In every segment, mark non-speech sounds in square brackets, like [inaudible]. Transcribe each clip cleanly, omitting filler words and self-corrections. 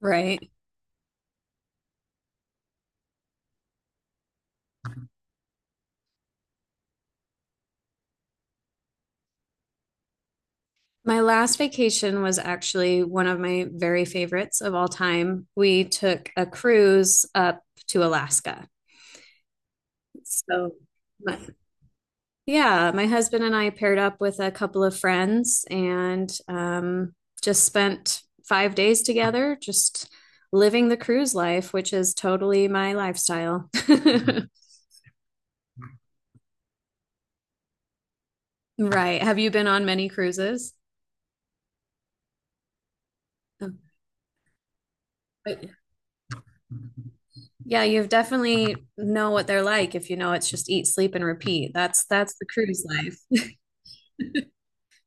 Right. My last vacation was actually one of my very favorites of all time. We took a cruise up to Alaska. So, my- yeah, my husband and I paired up with a couple of friends and just spent 5 days together, just living the cruise life, which is totally my lifestyle. [laughs] Right. Have you been on many cruises? Oh, yeah, you've definitely know what they're like if you know it's just eat, sleep, and repeat. That's the cruise life. [laughs]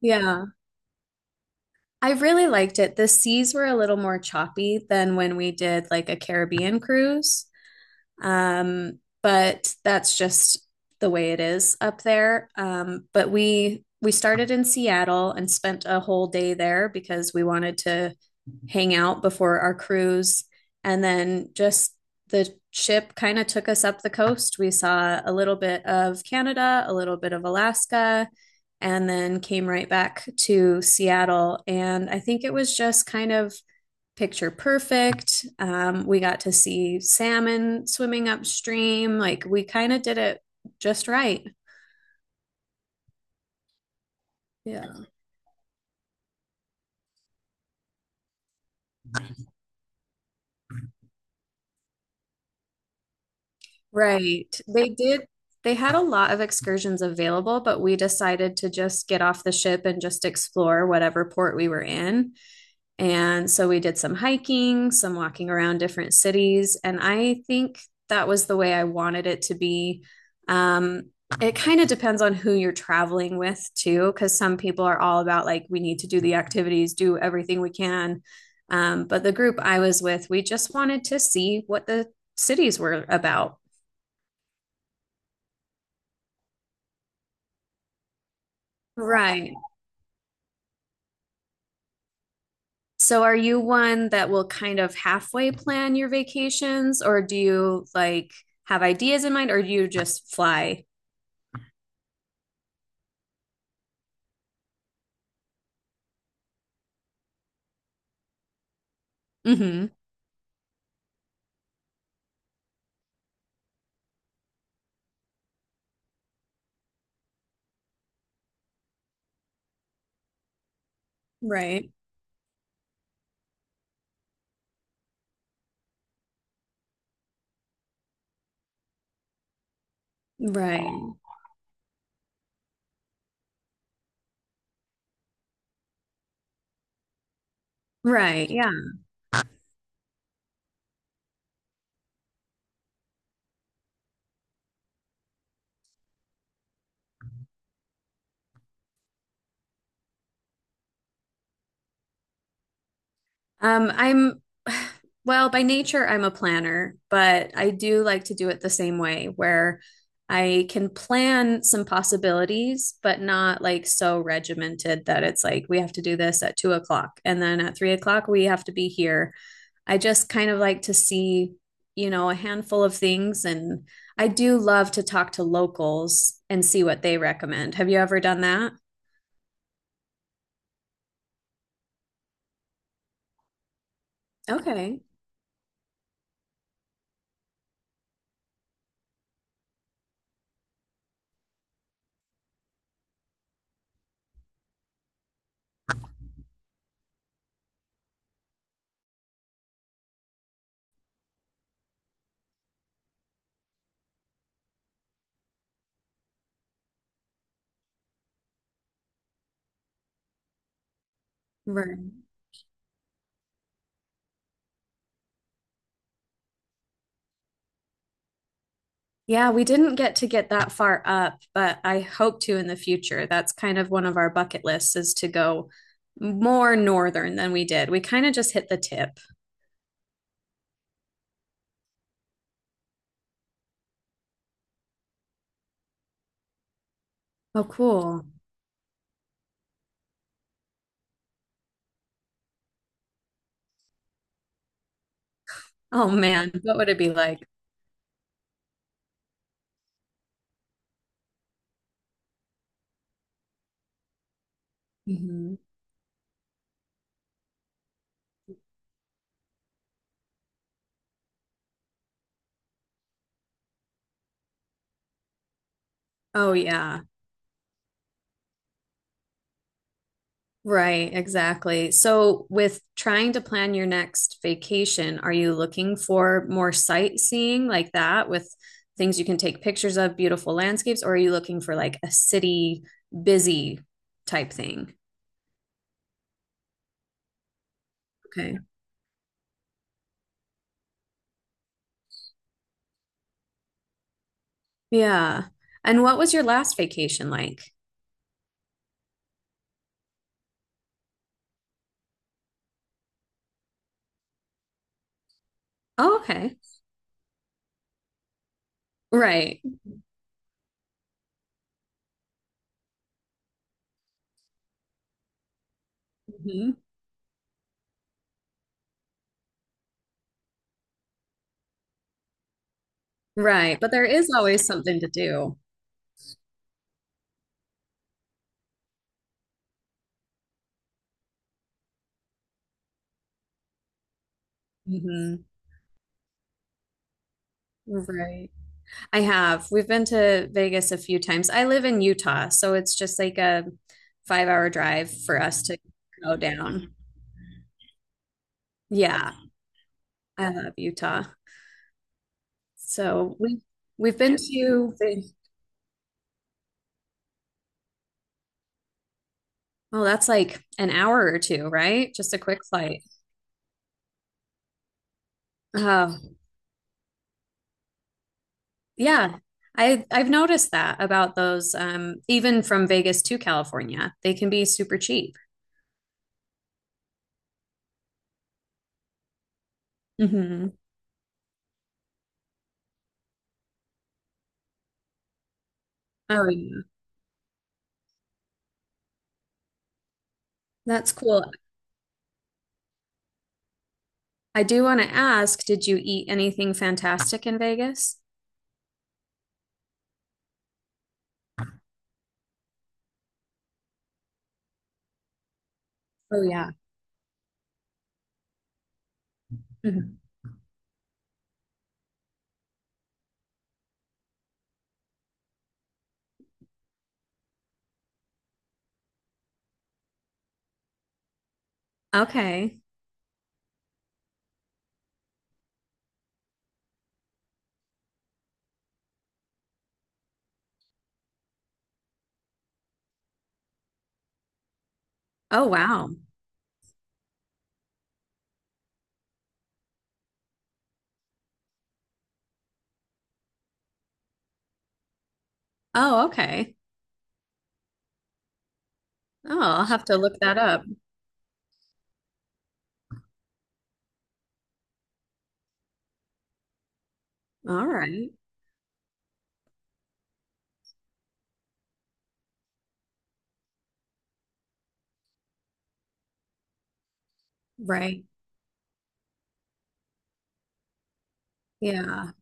Yeah. I really liked it. The seas were a little more choppy than when we did like a Caribbean cruise. But that's just the way it is up there. But we started in Seattle and spent a whole day there because we wanted to hang out before our cruise. And then just the ship kind of took us up the coast. We saw a little bit of Canada, a little bit of Alaska, and then came right back to Seattle. And I think it was just kind of picture perfect. We got to see salmon swimming upstream. Like we kind of did it just right. Yeah. Right. They had a lot of excursions available, but we decided to just get off the ship and just explore whatever port we were in. And so we did some hiking, some walking around different cities. And I think that was the way I wanted it to be. Um, it kind of depends on who you're traveling with, too, because some people are all about like, we need to do the activities, do everything we can. But the group I was with, we just wanted to see what the cities were about. Right. So are you one that will kind of halfway plan your vacations, or do you like have ideas in mind, or do you just fly? hmm Right. Right. Right. Yeah. I'm, [sighs] well, by nature, I'm a planner, but I do like to do it the same way where I can plan some possibilities, but not like so regimented that it's like we have to do this at 2 o'clock and then at 3 o'clock we have to be here. I just kind of like to see, you know, a handful of things. And I do love to talk to locals and see what they recommend. Have you ever done that? Okay. Yeah, we didn't get to get that far up, but I hope to in the future. That's kind of one of our bucket lists is to go more northern than we did. We kind of just hit the tip. Oh, cool. Oh man, what would it be like? Mhm. Oh yeah. Right, exactly. So with trying to plan your next vacation, are you looking for more sightseeing like that with things you can take pictures of, beautiful landscapes, or are you looking for like a city busy type thing? Okay. Yeah. And what was your last vacation like? Oh, okay. Right. hmm Right. But there is always something to do. hmm Right. I have. We've been to Vegas a few times. I live in Utah, so it's just like a 5 hour drive for us to go down. Yeah. I love Utah. So we've been to, oh, that's like an hour or two, right? Just a quick flight. Oh, yeah, I've noticed that about those even from Vegas to California. They can be super cheap. hmm Oh, yeah. That's cool. I do want to ask, did you eat anything fantastic in Vegas? Oh yeah. Mhm. Okay. Oh wow. Oh, okay. Oh, I'll have to look that up. All right. Right. Yeah.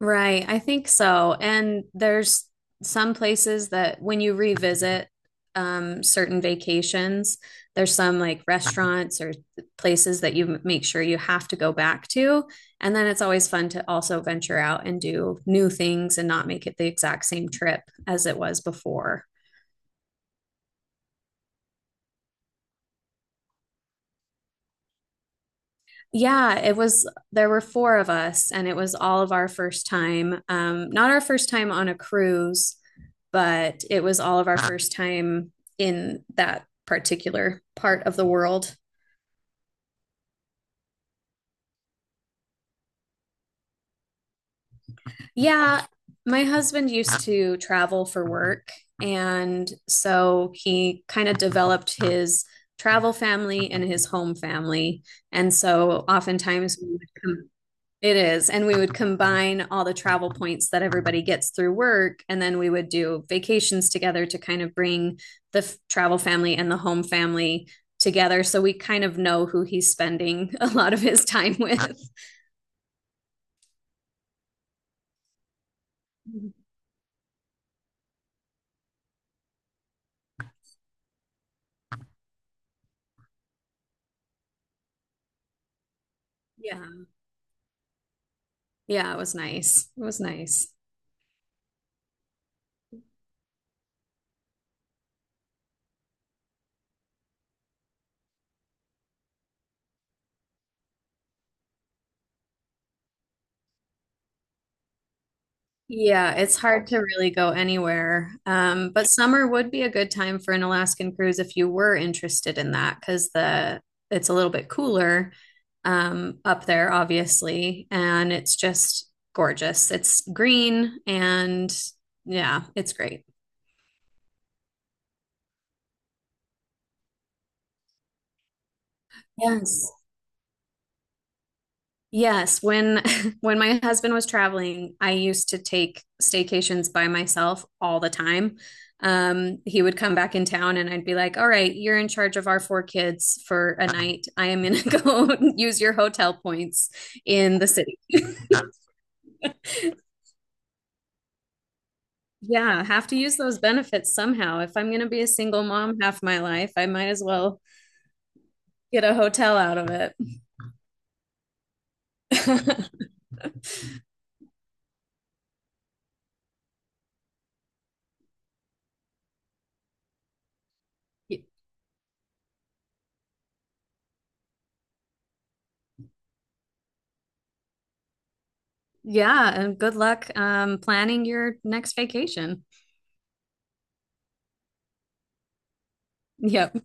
Right, I think so. And there's some places that when you revisit certain vacations, there's some like restaurants or places that you make sure you have to go back to. And then it's always fun to also venture out and do new things and not make it the exact same trip as it was before. Yeah, it was there were four of us, and it was all of our first time. Not our first time on a cruise, but it was all of our first time in that particular part of the world. Yeah, my husband used to travel for work, and so he kind of developed his travel family and his home family. And so oftentimes we would come It is. And we would combine all the travel points that everybody gets through work. And then we would do vacations together to kind of bring the travel family and the home family together. So we kind of know who he's spending [laughs] a lot of his time with. [laughs] Yeah. Yeah. It was nice. It was nice. Yeah, it's hard to really go anywhere. But summer would be a good time for an Alaskan cruise if you were interested in that, because the it's a little bit cooler up there, obviously, and it's just gorgeous. It's green and yeah, it's great. Yes. Yes, when [laughs] when my husband was traveling, I used to take staycations by myself all the time. He would come back in town and I'd be like, "All right, you're in charge of our four kids for a night. I am gonna [laughs] go [laughs] use your hotel points in the city." [laughs] Yeah, have to use those benefits somehow. If I'm gonna be a single mom half my life, I might as well get a hotel out of it. [laughs] Y- Yeah, and good luck planning your next vacation. Yep.